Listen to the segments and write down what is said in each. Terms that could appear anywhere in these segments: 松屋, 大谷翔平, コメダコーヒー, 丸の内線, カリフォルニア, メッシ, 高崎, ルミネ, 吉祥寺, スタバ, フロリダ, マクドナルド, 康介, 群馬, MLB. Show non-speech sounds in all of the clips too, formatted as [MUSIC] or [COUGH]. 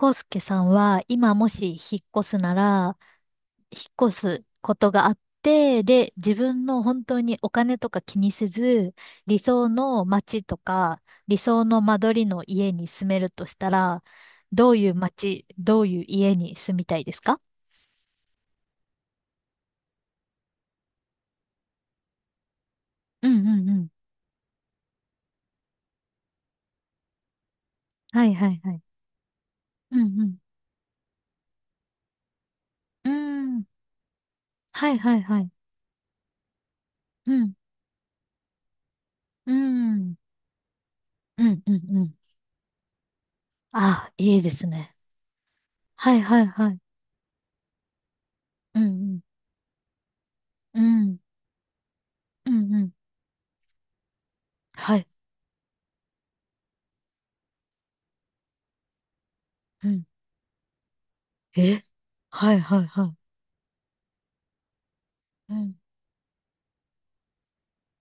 康介さんは今もし引っ越すなら、引っ越すことがあって、で、自分の本当にお金とか気にせず、理想の街とか、理想の間取りの家に住めるとしたら、どういう街、どういう家に住みたいですか？うんうんうん。はいはいはい。うんうん。うーん。はいはいはい。うん。うん。うんうんうん。あ、いいですね。はいはいはい。うんうん。うん。うんうん。はい。え、はいはいはい。うん。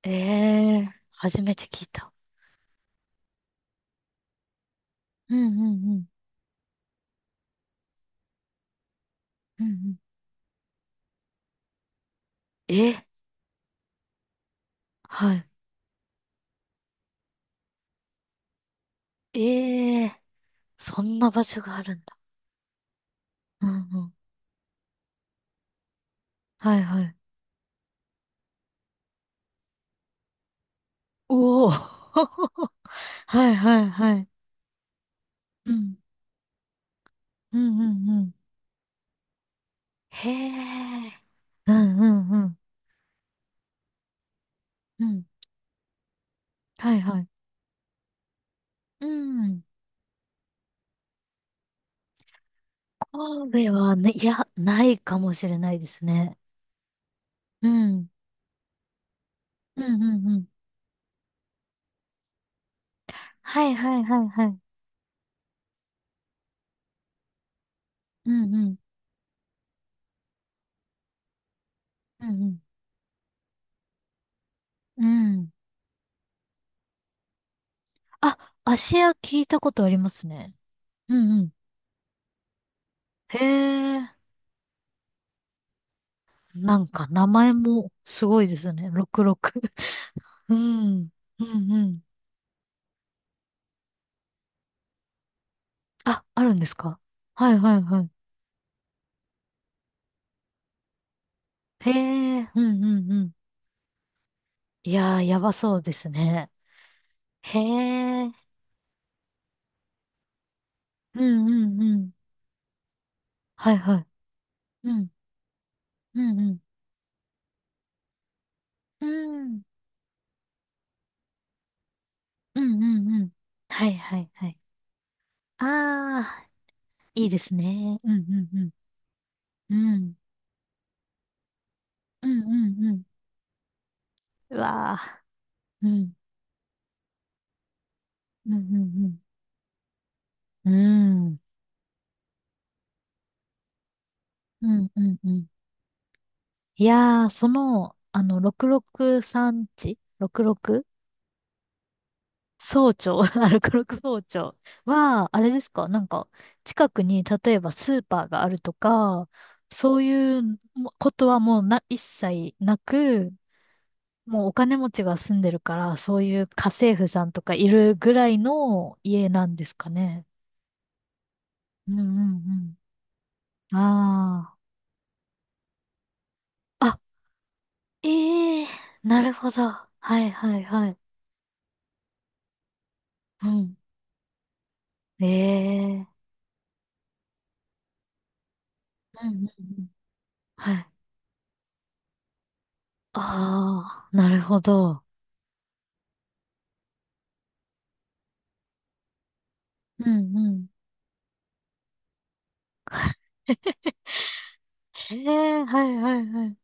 ええ、初めて聞いた。うんうんうん。うんうん。え、はい。ええ、そんな場所があるんだ。うんうん。はいはい。おお [LAUGHS] はいはいはい。うん。うんうんうん。へえ。うんうんうん。うん。はいはい。うん。神戸はね、いや、ないかもしれないですね。うん。うんうんうん。はいはいはいはい。うんうん。うんうんうん。あ、芦屋聞いたことありますね。うんうん。へえ、なんか名前もすごいですね。66。[LAUGHS] うん。うんうん。あ、あるんですか？はいはいはい。へえ、うんうんうん。いやー、やばそうですね。へえ、うんうんうん。はいはい。うん、うんうん。うん、うんうんうん。はいはいはい。あー、いいですね。うんうんうん。うん、はいはいはい、あ、いいですね、うんうんうん。うわー。うん、うん、うん、うん。うん、うん、うん。うん、いやー、その、663地？ 66？ 総長 [LAUGHS] あ、6総長は、あれですか？なんか、近くに、例えばスーパーがあるとか、そういうもことはもうな、一切なく、もうお金持ちが住んでるから、そういう家政婦さんとかいるぐらいの家なんですかね？うんうんうん。ああ。ええ、なるほど。はいはいはい。うん。ええ、うんうんうん。はい。ああ、なるほど。うんうん。ええ、はいはいはい。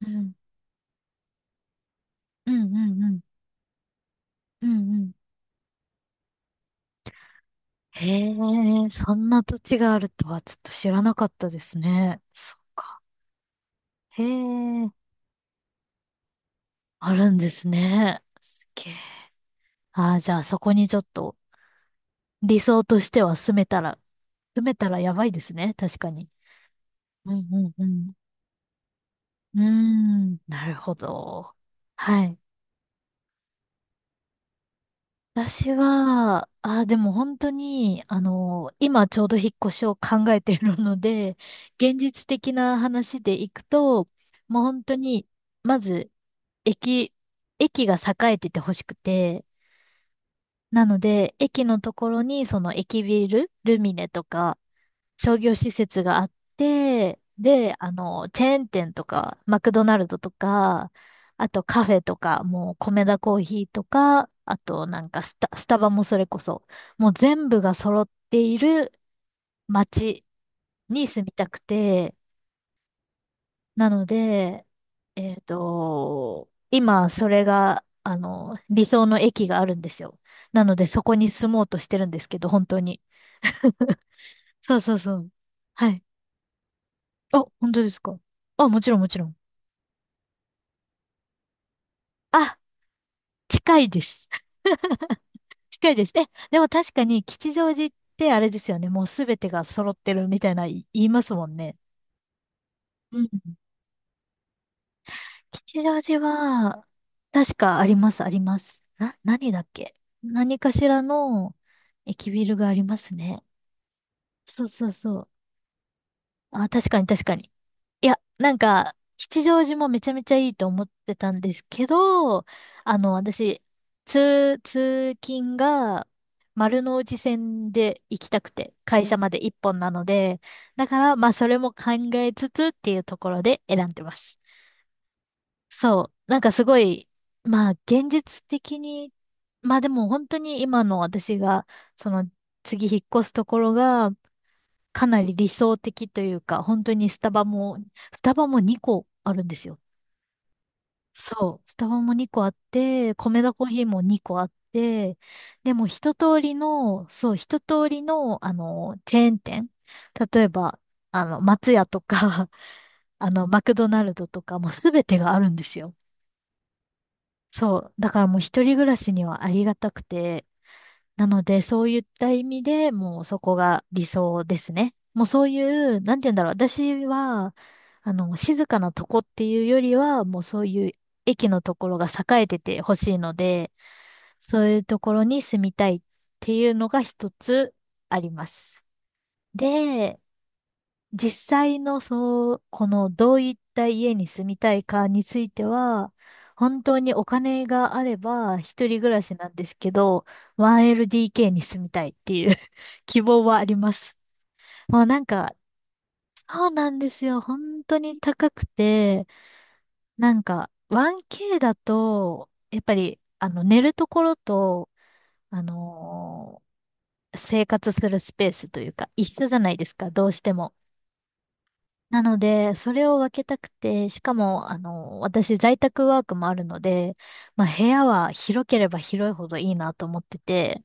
うん。うんうんうん。うんうん。へえ、そんな土地があるとはちょっと知らなかったですね。そっか。へえ、あるんですね。すげえ。ああ、じゃあそこにちょっと理想としては住めたら、住めたらやばいですね。確かに。うんうんうん。うーん、なるほど。はい。私は、あ、でも本当に、今ちょうど引っ越しを考えているので、現実的な話でいくと、もう本当に、まず、駅、駅が栄えててほしくて、なので、駅のところに、その駅ビル、ルミネとか、商業施設があって、で、チェーン店とか、マクドナルドとか、あとカフェとか、もうコメダコーヒーとか、あとなんかスタバもそれこそ、もう全部が揃っている街に住みたくて、なので、今それが、理想の駅があるんですよ。なのでそこに住もうとしてるんですけど、本当に。そうそうそう。はい。あ、本当ですか？あ、もちろんもちろん。あ、近いです。[LAUGHS] 近いです。え、でも確かに吉祥寺ってあれですよね。もうすべてが揃ってるみたいな言いますもんね。うん。吉祥寺は、確かあります、あります。何だっけ？何かしらの駅ビルがありますね。そうそうそう。あ、確かに確かに。いや、なんか、吉祥寺もめちゃめちゃいいと思ってたんですけど、私、通勤が丸の内線で行きたくて、会社まで一本なので、だから、まあ、それも考えつつっていうところで選んでます。そう、なんかすごい、まあ、現実的に、まあでも本当に今の私が、その、次引っ越すところが、かなり理想的というか、本当にスタバも2個あるんですよ。そう。スタバも2個あって、コメダコーヒーも2個あって、でも一通りの、そう、一通りの、チェーン店。例えば、松屋とか、[LAUGHS] マクドナルドとか、もうすべてがあるんですよ。そう。だからもう一人暮らしにはありがたくて、なので、そういった意味でもうそこが理想ですね。もうそういう、なんて言うんだろう。私は、静かなとこっていうよりは、もうそういう駅のところが栄えててほしいので、そういうところに住みたいっていうのが一つあります。で、実際のそう、このどういった家に住みたいかについては、本当にお金があれば一人暮らしなんですけど、1LDK に住みたいっていう [LAUGHS] 希望はあります。もうなんか、そうなんですよ。本当に高くて、なんか 1K だと、やっぱりあの寝るところと、あのー生活するスペースというか一緒じゃないですか、どうしても。なので、それを分けたくて、しかも、私、在宅ワークもあるので、まあ、部屋は広ければ広いほどいいなと思ってて、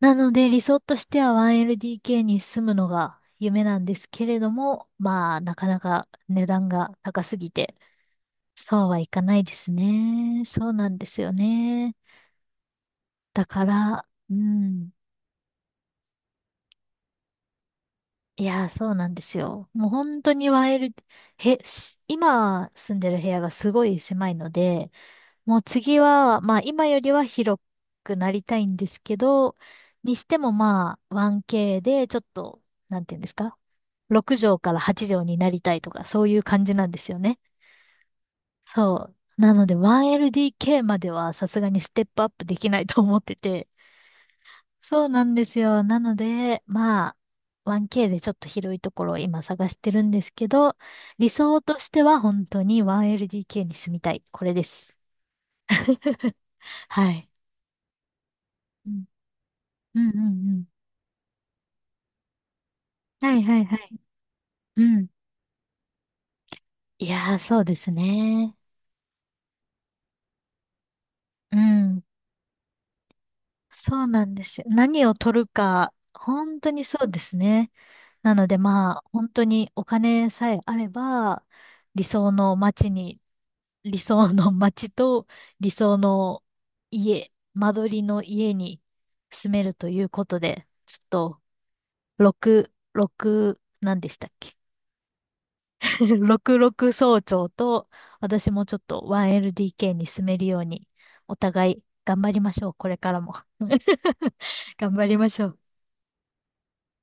なので、理想としては 1LDK に住むのが夢なんですけれども、まあ、なかなか値段が高すぎて、そうはいかないですね。そうなんですよね。だから、うん。いやー、そうなんですよ。もう本当にワンエル、へ、し今住んでる部屋がすごい狭いので、もう次は、まあ今よりは広くなりたいんですけど、にしてもまあ 1K でちょっと、なんていうんですか？ 6 畳から8畳になりたいとか、そういう感じなんですよね。そう。なので 1LDK まではさすがにステップアップできないと思ってて。そうなんですよ。なので、まあ、1K でちょっと広いところを今探してるんですけど、理想としては本当に 1LDK に住みたい。これです。はい。うんうんうんうん。はいはいはい。うん。いやー、そうですね。うん。そうなんですよ。何を取るか、本当にそうですね。なのでまあ、本当にお金さえあれば、理想の街に、理想の街と理想の家、間取りの家に住めるということで、ちょっと、6、6、何でしたっけ？ [LAUGHS] 66総長と、私もちょっと 1LDK に住めるように、お互い頑張りましょう。これからも。[LAUGHS] 頑張りましょう。